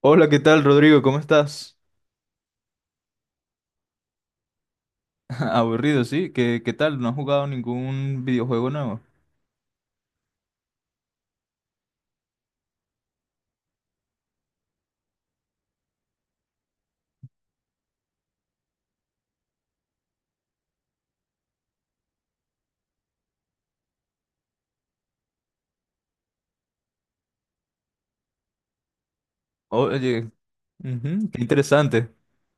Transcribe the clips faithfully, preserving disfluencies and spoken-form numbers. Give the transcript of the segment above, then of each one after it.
Hola, ¿qué tal, Rodrigo? ¿Cómo estás? Aburrido, ¿sí? ¿Qué, qué tal? ¿No has jugado ningún videojuego nuevo? Oye, ujú, qué interesante.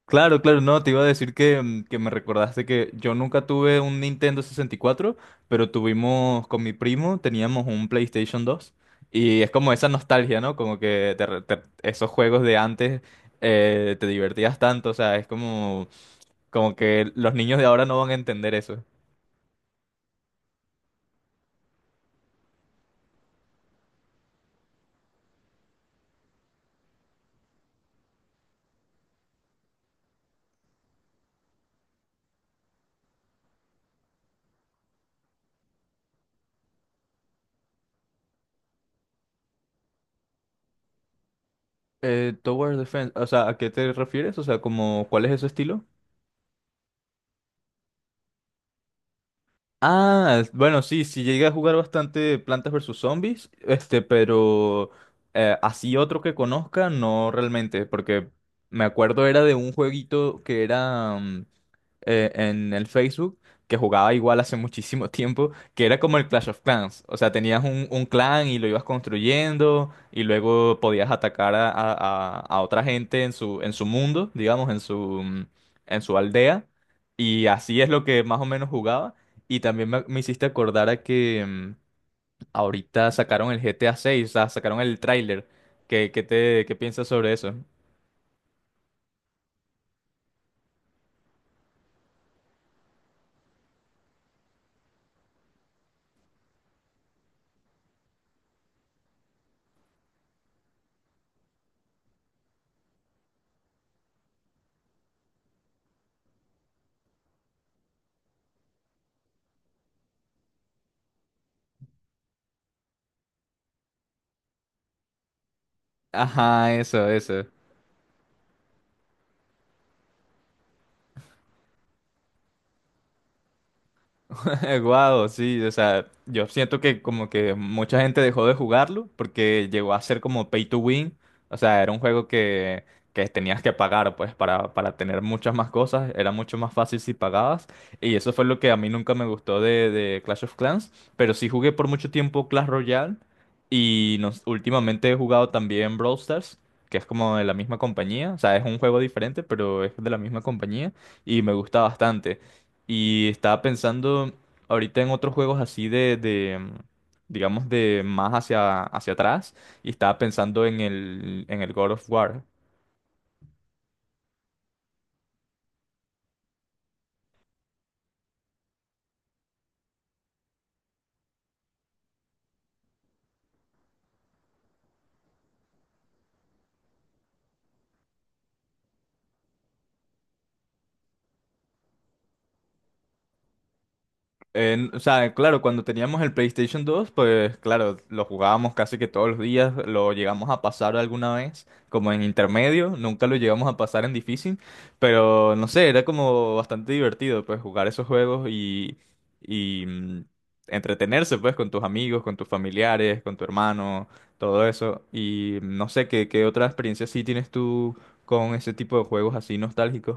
Claro, claro, no, te iba a decir que, mm, que me recordaste que yo nunca tuve un Nintendo sesenta y cuatro, pero tuvimos con mi primo, teníamos un PlayStation dos y es como esa nostalgia, ¿no? Como que te re- te- esos juegos de antes eh, te divertías tanto, o sea, es como, como que los niños de ahora no van a entender eso. Eh, Tower Defense, o sea, ¿a qué te refieres? O sea, como, ¿cuál es ese estilo? Ah, bueno, sí, sí llegué a jugar bastante Plantas versus Zombies, este, pero eh, así otro que conozca, no realmente, porque me acuerdo era de un jueguito que era mm, eh, en el Facebook que jugaba igual hace muchísimo tiempo, que era como el Clash of Clans. O sea, tenías un, un clan y lo ibas construyendo y luego podías atacar a, a- a- a otra gente en su, en su mundo, digamos, en su, mm, en su aldea. Y así es lo que más o menos jugaba. Y también me, me hiciste acordar a que mm, ahorita sacaron el G T A seis, o sea, sacaron el tráiler. ¿Qué, qué te, qué piensas sobre eso? Ajá, eso, eso. Guau, sí, o sea, yo siento que como que mucha gente dejó de jugarlo porque llegó a ser como pay to win, o sea, era un juego que, que tenías que pagar pues para, para tener muchas más cosas, era mucho más fácil si pagabas y eso fue lo que a mí nunca me gustó de, de Clash of Clans, pero sí jugué por mucho tiempo Clash Royale y nos, últimamente he jugado también Brawl Stars. Que es como de la misma compañía, o sea, es un juego diferente, pero es de la misma compañía y me gusta bastante. Y estaba pensando ahorita en otros juegos así de, de, mm, digamos, de más hacia, hacia atrás. Y estaba pensando en el, en el God of War. En- o sea, claro, cuando teníamos el PlayStation dos pues claro, lo jugábamos casi que todos los días, lo llegamos a pasar alguna vez, como en intermedio, nunca lo llegamos a pasar en difícil, pero no sé, era como bastante divertido, pues jugar esos juegos y, y mm, entretenerse, pues, con tus amigos, con tus familiares, con tu hermano, todo eso. Y no sé, ¿qué, qué otra experiencia sí tienes tú con ese tipo de juegos así nostálgicos?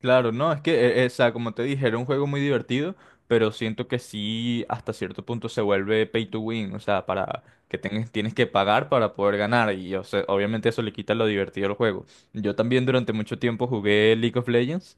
Claro, no, es que, eh, eh, o sea, como te dije, era un juego muy divertido, pero siento que sí, hasta cierto punto se vuelve pay to win, o sea, para que tengas, tienes que pagar para poder ganar, y o sea, obviamente eso le quita lo divertido al juego. Yo también durante mucho tiempo jugué League of Legends,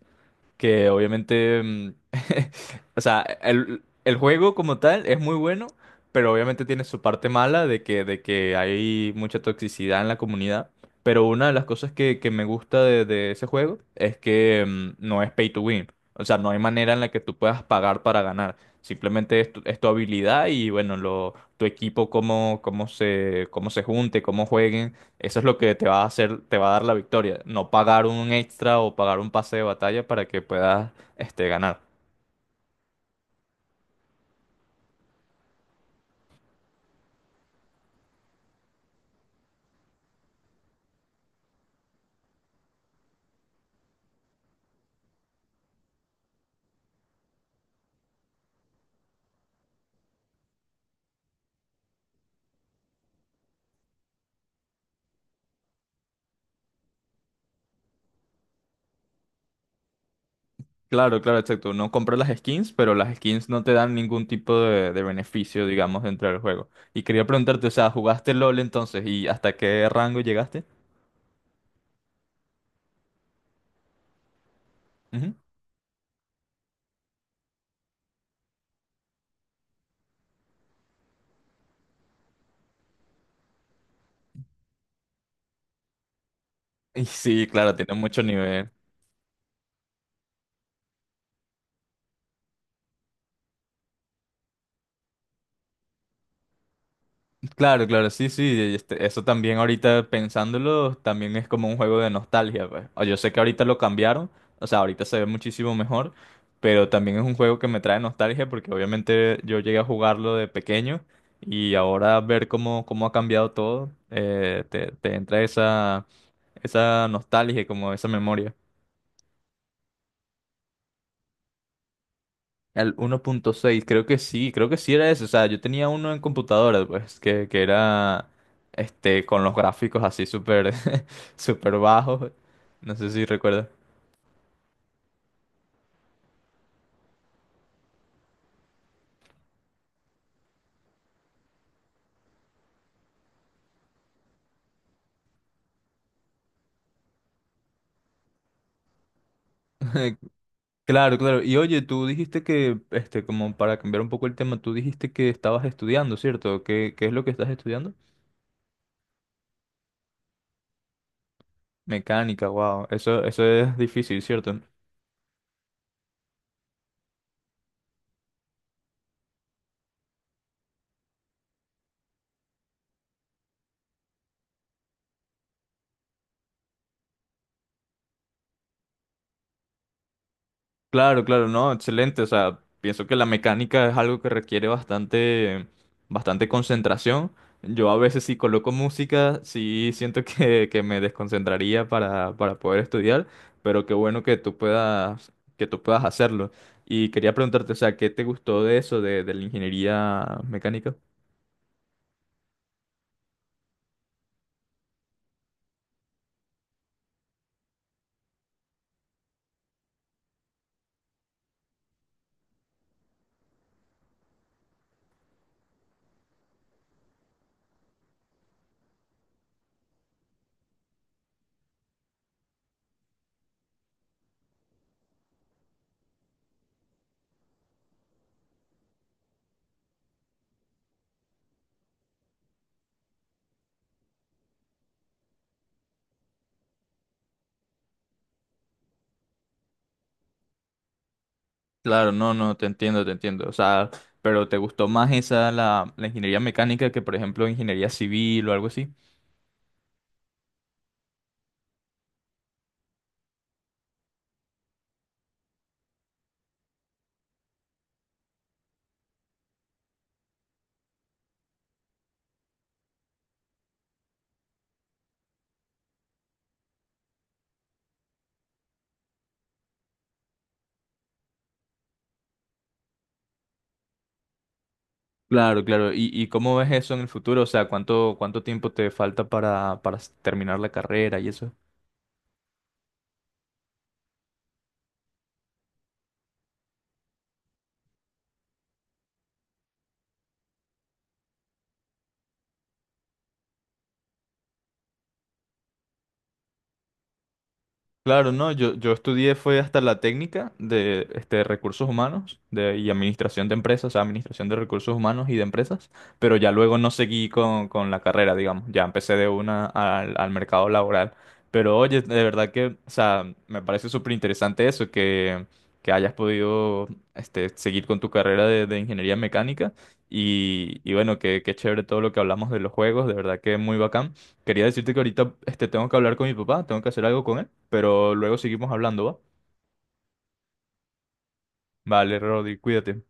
que obviamente, mm, o sea, el, el juego como tal es muy bueno, pero obviamente tiene su parte mala de que, de que hay mucha toxicidad en la comunidad. Pero una de las cosas que, que me gusta de, de ese juego es que mm, no es pay to win. O sea, no hay manera en la que tú puedas pagar para ganar. Simplemente es tu, es tu habilidad y bueno, lo, tu equipo, cómo, cómo se, cómo se junte, cómo jueguen eso es lo que te va a hacer, te va a dar la victoria. No pagar un extra o pagar un pase de batalla para que puedas, este, ganar. Claro, claro, exacto. No compras las skins, pero las skins no te dan ningún tipo de, de beneficio, digamos, dentro del juego. Y quería preguntarte, o sea, ¿jugaste LOL entonces? ¿Y hasta qué rango llegaste? Ujú. Y sí, claro, tiene mucho nivel. Claro, claro, sí, sí, este, eso también ahorita pensándolo, también es como un juego de nostalgia, pues. O yo sé que ahorita lo cambiaron, o sea, ahorita se ve muchísimo mejor, pero también es un juego que me trae nostalgia porque obviamente yo llegué a jugarlo de pequeño y ahora ver cómo, cómo ha cambiado todo, eh, te, te entra esa, esa nostalgia, y como esa memoria. Al uno punto seis creo que sí, creo que sí era eso. O sea, yo tenía uno en computadora, pues, que, que era este, con los gráficos así súper súper bajos. No sé si recuerdas. Claro, claro. Y oye, tú dijiste que, este, como para cambiar un poco el tema, tú dijiste que estabas estudiando, ¿cierto? ¿Qué, qué es lo que estás estudiando? Mecánica, wow. Eso, eso es difícil, ¿cierto? Claro, claro, no, excelente. O sea, pienso que la mecánica es algo que requiere bastante, bastante concentración. Yo a veces si coloco música, sí siento que, que me desconcentraría para, para poder estudiar, pero qué bueno que tú puedas, que tú puedas hacerlo. Y quería preguntarte, o sea, ¿qué te gustó de eso, de, de la ingeniería mecánica? Claro, no, no, te entiendo, te entiendo. O sea, pero ¿te gustó más esa, la, la ingeniería mecánica que, por ejemplo, ingeniería civil o algo así? Claro, claro. ¿Y, ¿y cómo ves eso en el futuro? O sea, ¿cuánto, cuánto tiempo te falta para, para s- terminar la carrera y eso? Claro, no, yo, yo estudié fue hasta la técnica de este, recursos humanos de, y administración de empresas, o sea, administración de recursos humanos y de empresas, pero ya luego no seguí con, con la carrera, digamos, ya empecé de una al, al mercado laboral. Pero oye, de verdad que, o sea, me parece súper interesante eso, que, que hayas podido este, seguir con tu carrera de, de ingeniería mecánica y, y bueno, que qué qué chévere todo lo que hablamos de los juegos, de verdad que muy bacán. Quería decirte que ahorita este, tengo que hablar con mi papá, tengo que hacer algo con él, pero luego seguimos hablando, ¿va? Vale, Rodri, cuídate.